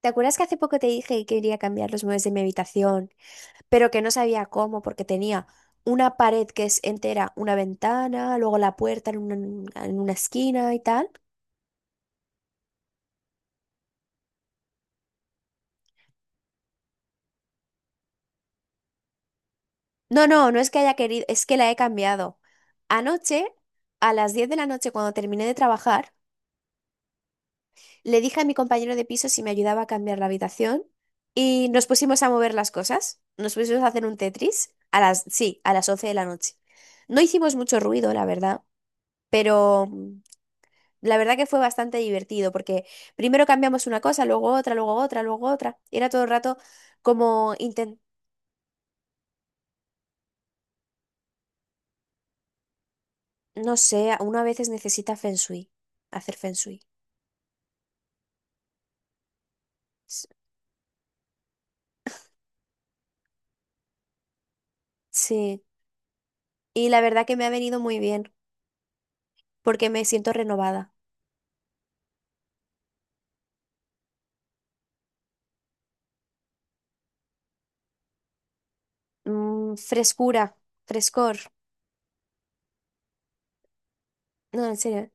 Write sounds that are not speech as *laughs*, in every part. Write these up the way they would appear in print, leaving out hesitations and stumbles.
¿Te acuerdas que hace poco te dije que quería cambiar los muebles de mi habitación, pero que no sabía cómo porque tenía una pared que es entera, una ventana, luego la puerta en una esquina y tal? No, no, no es que haya querido, es que la he cambiado. Anoche, a las 10 de la noche, cuando terminé de trabajar, le dije a mi compañero de piso si me ayudaba a cambiar la habitación y nos pusimos a mover las cosas, nos pusimos a hacer un Tetris a las, sí, a las 11 de la noche. No hicimos mucho ruido, la verdad, pero... La verdad que fue bastante divertido porque primero cambiamos una cosa, luego otra, luego otra, luego otra. Era todo el rato como inten- no sé, uno a veces necesita feng shui, hacer feng shui. S- Sí, y la verdad que me ha venido muy bien porque me siento renovada. Frescura, frescor. No, en serio,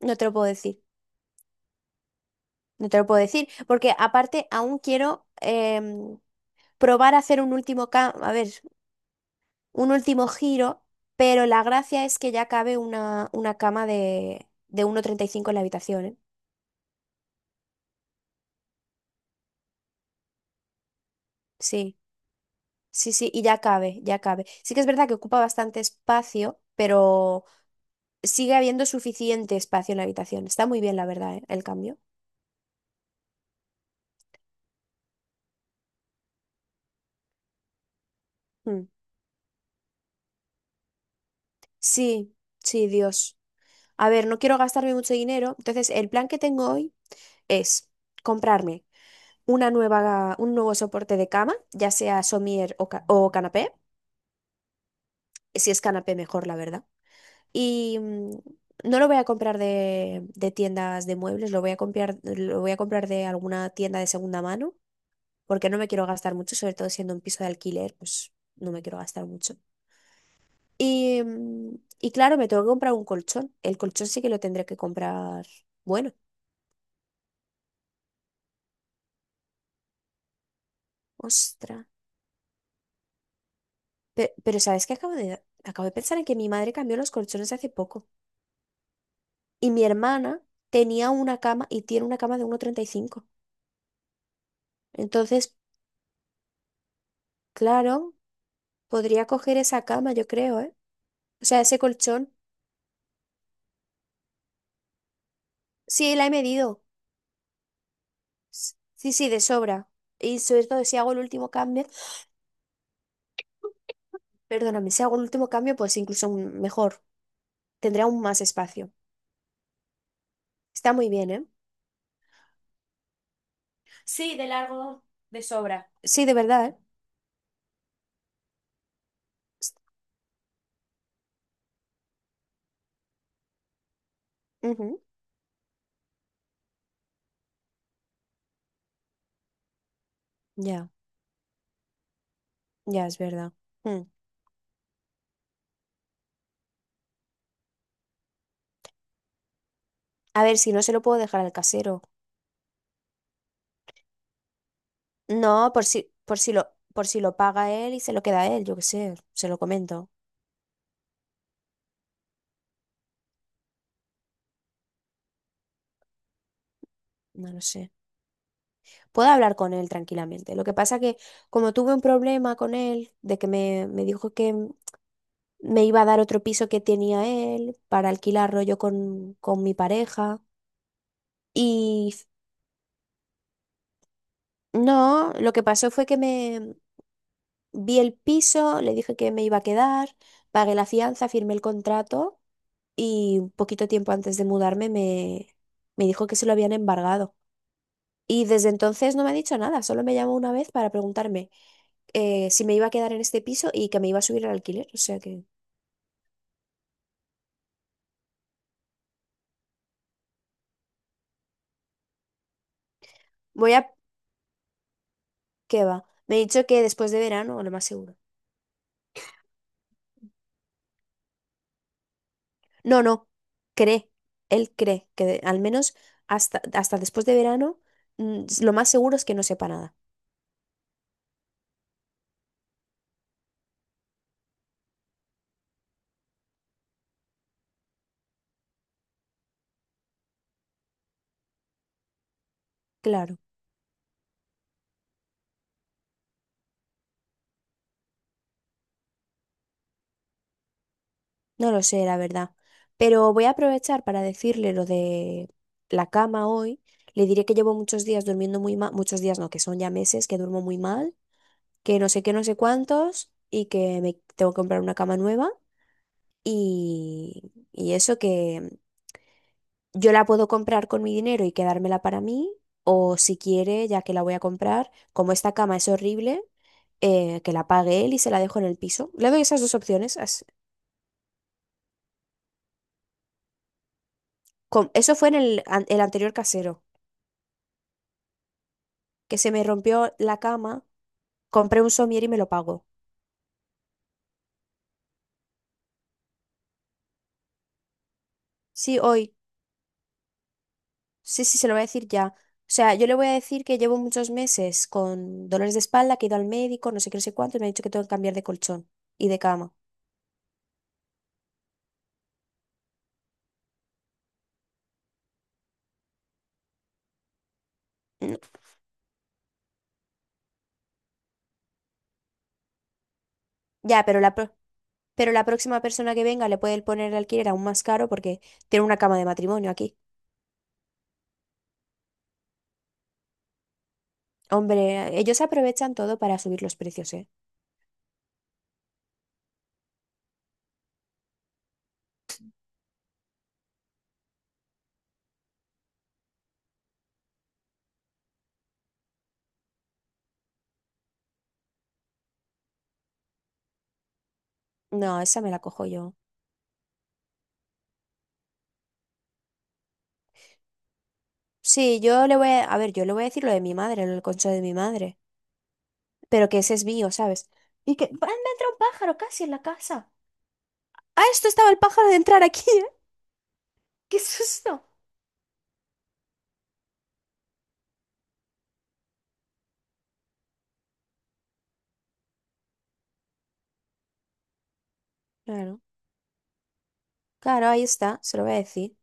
no te lo puedo decir. No te lo puedo decir porque aparte aún quiero probar a hacer un último cambio. A ver, un último giro, pero la gracia es que ya cabe una cama de 1,35 en la habitación, ¿eh? Sí, sí, sí, y ya cabe, ya cabe. Sí que es verdad que ocupa bastante espacio, pero sigue habiendo suficiente espacio en la habitación. Está muy bien, la verdad, ¿eh? El cambio. Mm. Sí, sí, Dios. A ver, no quiero gastarme mucho dinero, entonces el plan que tengo hoy es comprarme una nueva, un nuevo soporte de cama, ya sea somier o canapé, si es canapé mejor, la verdad. Y mm, no lo voy a comprar de tiendas de muebles, lo voy a comprar de alguna tienda de segunda mano, porque no me quiero gastar mucho, sobre todo siendo un piso de alquiler, pues no me quiero gastar mucho. Y claro, me tengo que comprar un colchón. El colchón sí que lo tendré que comprar. Bueno, ostra. Pero, ¿sabes qué? Acabo de pensar en que mi madre cambió los colchones hace poco. Y mi hermana tenía una cama y tiene una cama de 1,35. Entonces, claro. Podría coger esa cama, yo creo, ¿eh? O sea, ese colchón. Sí, la he medido. Sí, sí, de sobra. Y sobre todo si hago el último cambio, perdóname, si hago el último cambio, pues incluso mejor. Tendré aún más espacio. Está muy bien, ¿eh? Sí, de largo, de sobra. Sí, de verdad, ¿eh? S- Ujú. Ya, ya es verdad. Mm. A ver, si no se lo puedo dejar al casero. No, por si lo paga él y se lo queda él, yo qué sé, se lo comento. No lo sé. Puedo hablar con él tranquilamente. Lo que pasa que como tuve un problema con él, de que me dijo que me iba a dar otro piso que tenía él para alquilarlo yo con mi pareja. Y f- no, lo que pasó fue que me vi el piso, le dije que me iba a quedar, pagué la fianza, firmé el contrato y un poquito tiempo antes de mudarme me dijo que se lo habían embargado. Y desde entonces no me ha dicho nada, solo me llamó una vez para preguntarme si me iba a quedar en este piso y que me iba a subir el alquiler. O sea que voy a... ¿Qué va? Me ha dicho que después de verano, lo más seguro. No, no, cree. Él cree que al menos hasta después de verano lo más seguro es que no sepa nada. Claro, no lo sé, la verdad. Pero voy a aprovechar para decirle lo de la cama hoy. Le diré que llevo muchos días durmiendo muy mal, muchos días no, que son ya meses que duermo muy mal, que no sé qué, no sé cuántos, y que me tengo que comprar una cama nueva. Y eso que yo la puedo comprar con mi dinero y quedármela para mí, o si quiere, ya que la voy a comprar, como esta cama es horrible, que la pague él y se la dejo en el piso. Le doy esas dos opciones. Eso fue en el anterior casero, que se me rompió la cama, compré un somier y me lo pago. Sí, hoy. Sí, sí, se lo voy a decir ya. O sea, yo le voy a decir que llevo muchos meses con dolores de espalda, que he ido al médico, no sé qué, no sé cuánto, y me ha dicho que tengo que cambiar de colchón y de cama. Mm, ya, pero pero la próxima persona que venga le puede poner el alquiler aún más caro porque tiene una cama de matrimonio aquí. Hombre, ellos aprovechan todo para subir los precios, ¿eh? No, esa me la cojo yo. Sí, yo le voy a... A ver, yo le voy a decir lo de mi madre, lo del colchón de mi madre, pero que ese es mío, ¿sabes? Y que... ¡Ah, me entra un pájaro casi en la casa! ¡Ah, esto estaba el pájaro de entrar aquí! ¿Eh? ¡Qué susto! Claro, claro, ahí está, se lo voy a decir.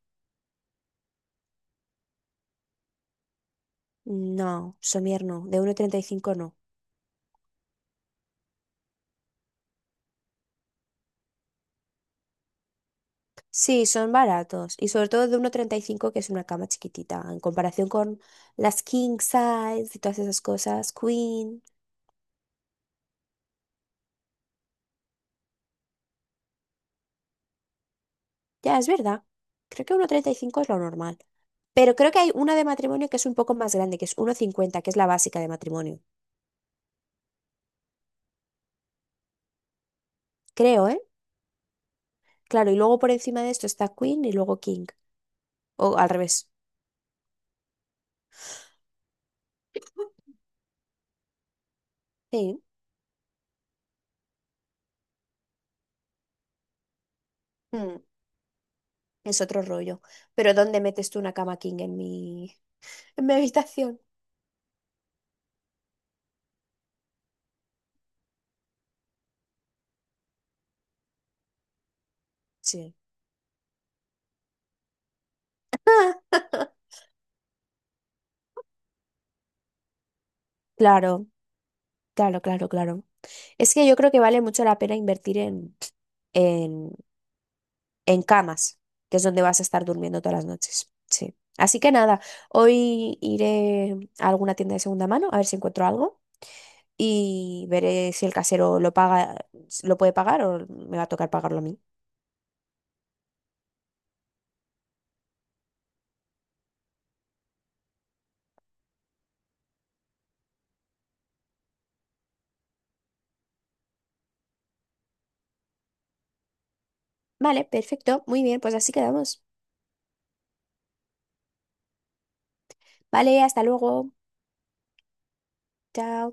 No, somier no, de 1,35 no. Sí, son baratos y sobre todo de 1,35 que es una cama chiquitita en comparación con las king size y todas esas cosas, queen. Ya, es verdad. Creo que 1,35 es lo normal. Pero creo que hay una de matrimonio que es un poco más grande, que es 1,50, que es la básica de matrimonio. Creo, ¿eh? Claro, y luego por encima de esto está queen y luego king. O al revés. Sí. Mm. Es otro rollo. Pero ¿dónde metes tú una cama king en mi habitación? Sí. *laughs* Claro, claro, claro, claro. Es que yo creo que vale mucho la pena invertir en, en camas, que es donde vas a estar durmiendo todas las noches. Sí. Así que nada, hoy iré a alguna tienda de segunda mano a ver si encuentro algo y veré si el casero lo paga, lo puede pagar o me va a tocar pagarlo a mí. Vale, perfecto, muy bien, pues así quedamos. Vale, hasta luego. Chao.